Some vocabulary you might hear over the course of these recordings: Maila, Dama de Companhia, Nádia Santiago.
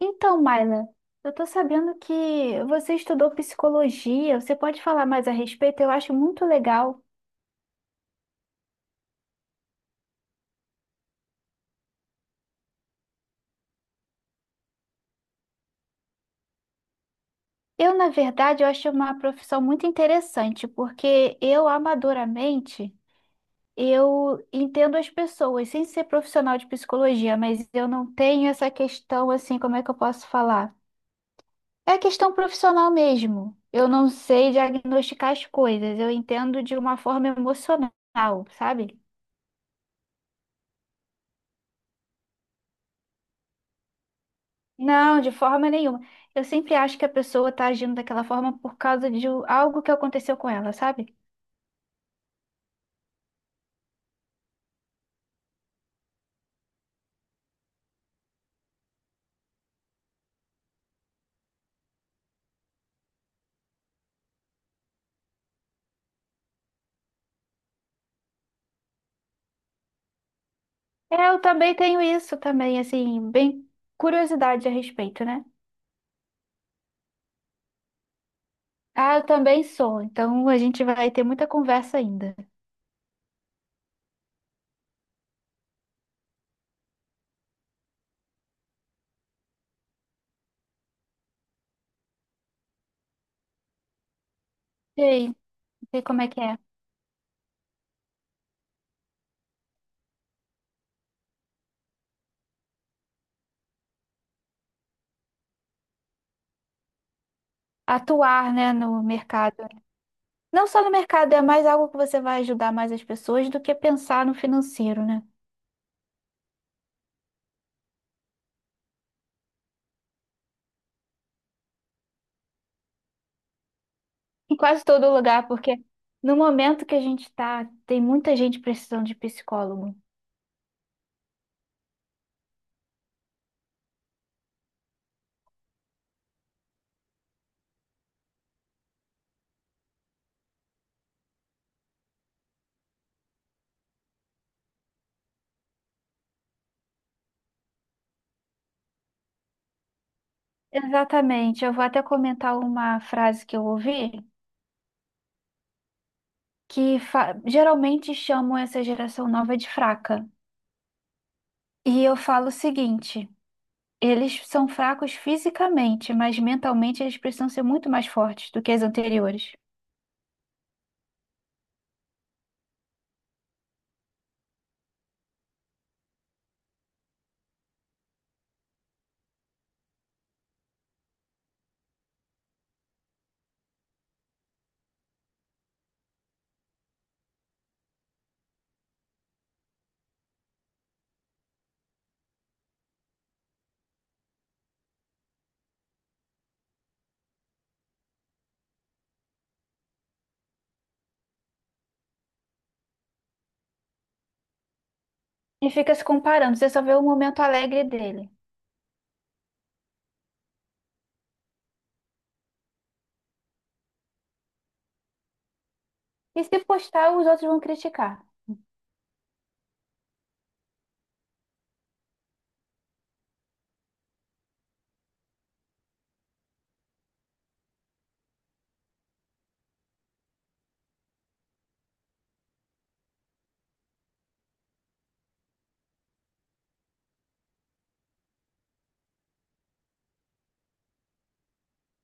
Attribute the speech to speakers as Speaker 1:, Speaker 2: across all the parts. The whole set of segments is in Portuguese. Speaker 1: Então, Maila, eu tô sabendo que você estudou psicologia. Você pode falar mais a respeito? Eu acho muito legal. Eu, na verdade, eu acho uma profissão muito interessante, porque eu, amadoramente, eu entendo as pessoas, sem ser profissional de psicologia, mas eu não tenho essa questão, assim, como é que eu posso falar? É questão profissional mesmo. Eu não sei diagnosticar as coisas, eu entendo de uma forma emocional, sabe? Não, de forma nenhuma. Eu sempre acho que a pessoa tá agindo daquela forma por causa de algo que aconteceu com ela, sabe? É, eu também tenho isso também, assim, bem curiosidade a respeito, né? Ah, eu também sou, então a gente vai ter muita conversa ainda. E aí, sei como é que é? Atuar, né, no mercado. Não só no mercado, é mais algo que você vai ajudar mais as pessoas do que pensar no financeiro, né? Em quase todo lugar, porque no momento que a gente tá, tem muita gente precisando de psicólogo. Exatamente. Eu vou até comentar uma frase que eu ouvi, que geralmente chamam essa geração nova de fraca. E eu falo o seguinte: eles são fracos fisicamente, mas mentalmente eles precisam ser muito mais fortes do que as anteriores. E fica se comparando, você só vê o momento alegre dele. E se postar, os outros vão criticar.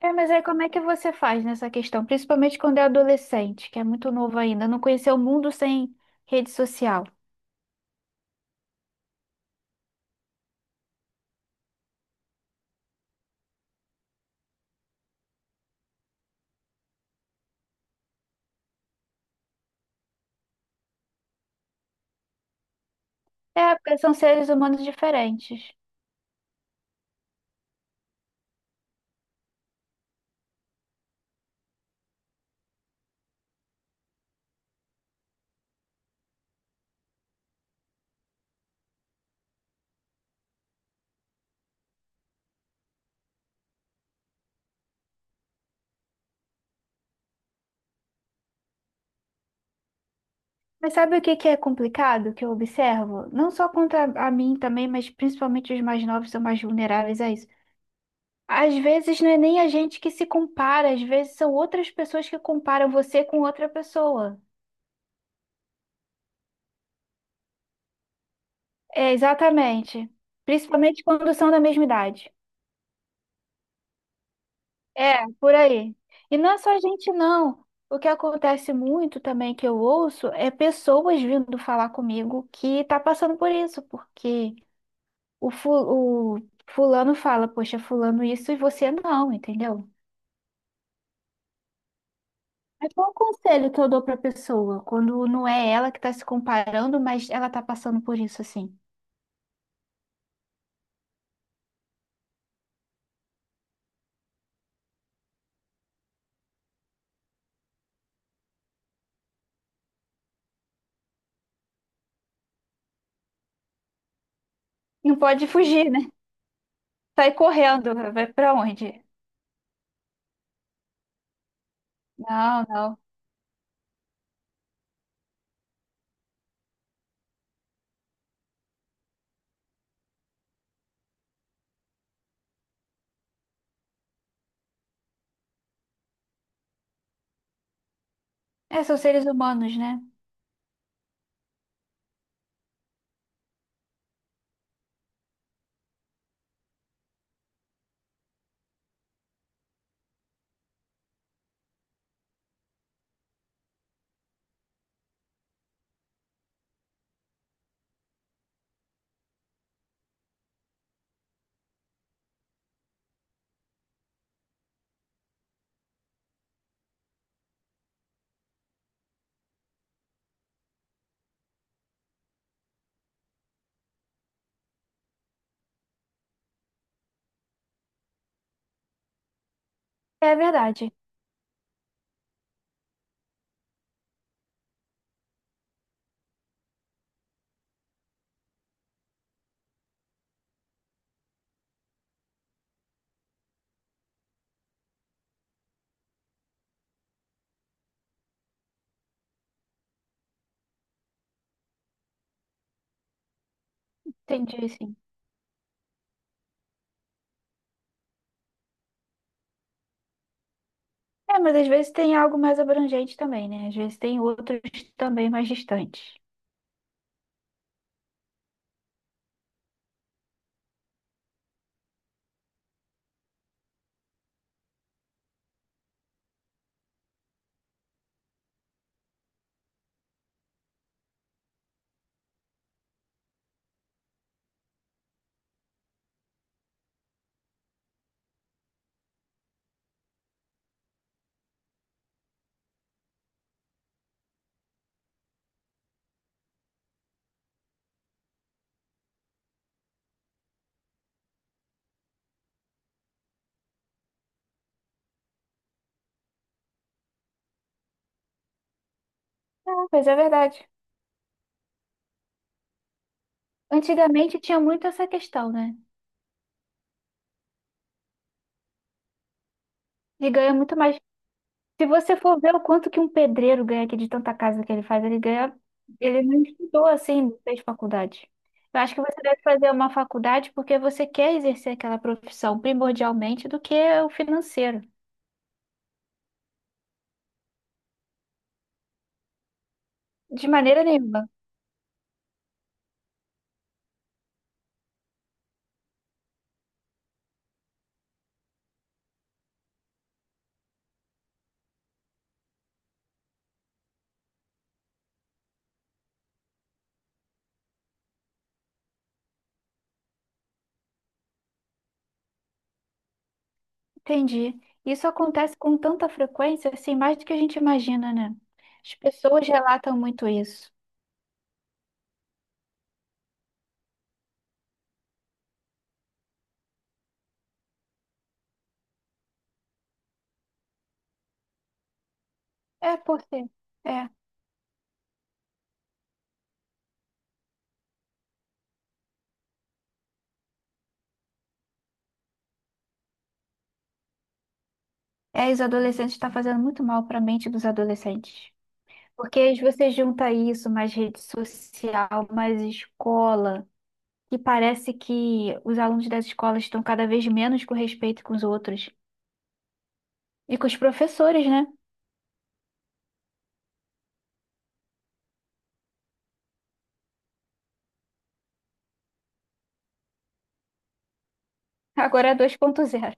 Speaker 1: É, mas aí como é que você faz nessa questão? Principalmente quando é adolescente, que é muito novo ainda, não conheceu o mundo sem rede social. É, porque são seres humanos diferentes. Mas sabe o que que é complicado que eu observo? Não só contra a mim também, mas principalmente os mais novos são mais vulneráveis a isso. Às vezes não é nem a gente que se compara, às vezes são outras pessoas que comparam você com outra pessoa. É, exatamente. Principalmente quando são da mesma idade. É, por aí. E não é só a gente, não. O que acontece muito também que eu ouço é pessoas vindo falar comigo que tá passando por isso, porque o fulano fala, poxa, fulano isso e você não, entendeu? Mas qual o conselho que eu dou pra pessoa quando não é ela que tá se comparando, mas ela tá passando por isso assim? Não pode fugir, né? Sai correndo, vai pra onde? Não, não. É, são seres humanos, né? É verdade, entendi, sim. É, mas às vezes tem algo mais abrangente também, né? Às vezes tem outros também mais distantes. Ah, mas é verdade. Antigamente tinha muito essa questão, né? De ganhar muito mais. Se você for ver o quanto que um pedreiro ganha aqui de tanta casa que ele faz, ele ganha. Ele não estudou assim, não fez faculdade. Eu acho que você deve fazer uma faculdade porque você quer exercer aquela profissão primordialmente do que o financeiro. De maneira nenhuma. Entendi. Isso acontece com tanta frequência, assim, mais do que a gente imagina, né? As pessoas relatam muito isso. É, por quê? É. É, os adolescentes está fazendo muito mal para a mente dos adolescentes. Porque aí você junta isso, mais rede social, mais escola, e parece que os alunos das escolas estão cada vez menos com respeito com os outros. E com os professores, né? Agora é 2.0.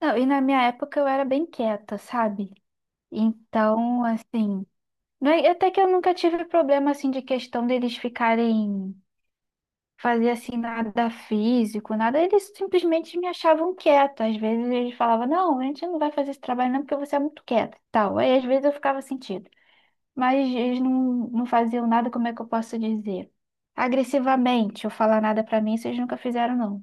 Speaker 1: Não, e na minha época eu era bem quieta, sabe? Então, assim, não é- até que eu nunca tive problema assim de questão deles ficarem, fazia assim nada físico, nada, eles simplesmente me achavam quieta. Às vezes eles falavam, não, a gente não vai fazer esse trabalho não porque você é muito quieta, tal. Aí às vezes eu ficava sentido, mas eles não, não faziam nada, como é que eu posso dizer? Agressivamente, ou falar nada pra mim, vocês nunca fizeram não.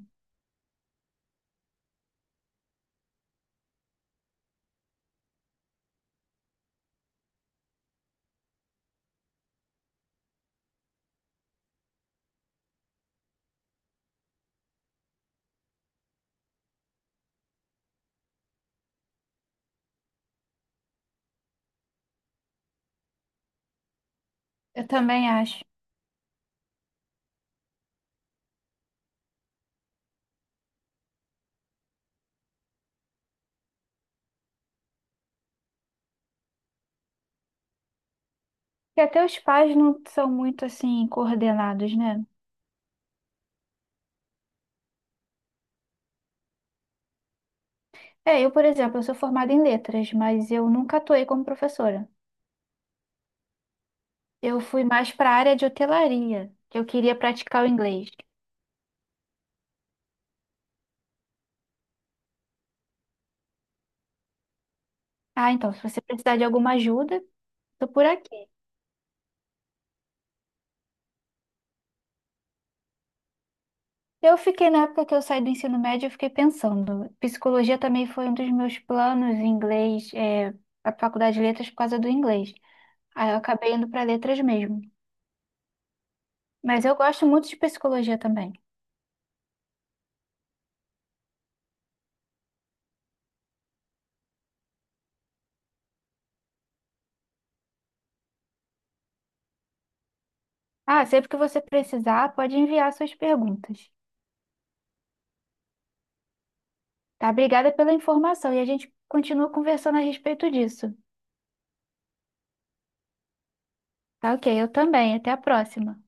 Speaker 1: Eu também acho. E até os pais não são muito assim coordenados, né? É, eu, por exemplo, eu sou formada em letras, mas eu nunca atuei como professora. Eu fui mais para a área de hotelaria, que eu queria praticar o inglês. Ah, então, se você precisar de alguma ajuda, tô por aqui. Eu fiquei, na época que eu saí do ensino médio, eu fiquei pensando. Psicologia também foi um dos meus planos, inglês, é, a faculdade de letras por causa do inglês. Aí eu acabei indo para letras mesmo. Mas eu gosto muito de psicologia também. Ah, sempre que você precisar, pode enviar suas perguntas. Tá? Obrigada pela informação e a gente continua conversando a respeito disso. Tá ok, eu também. Até a próxima.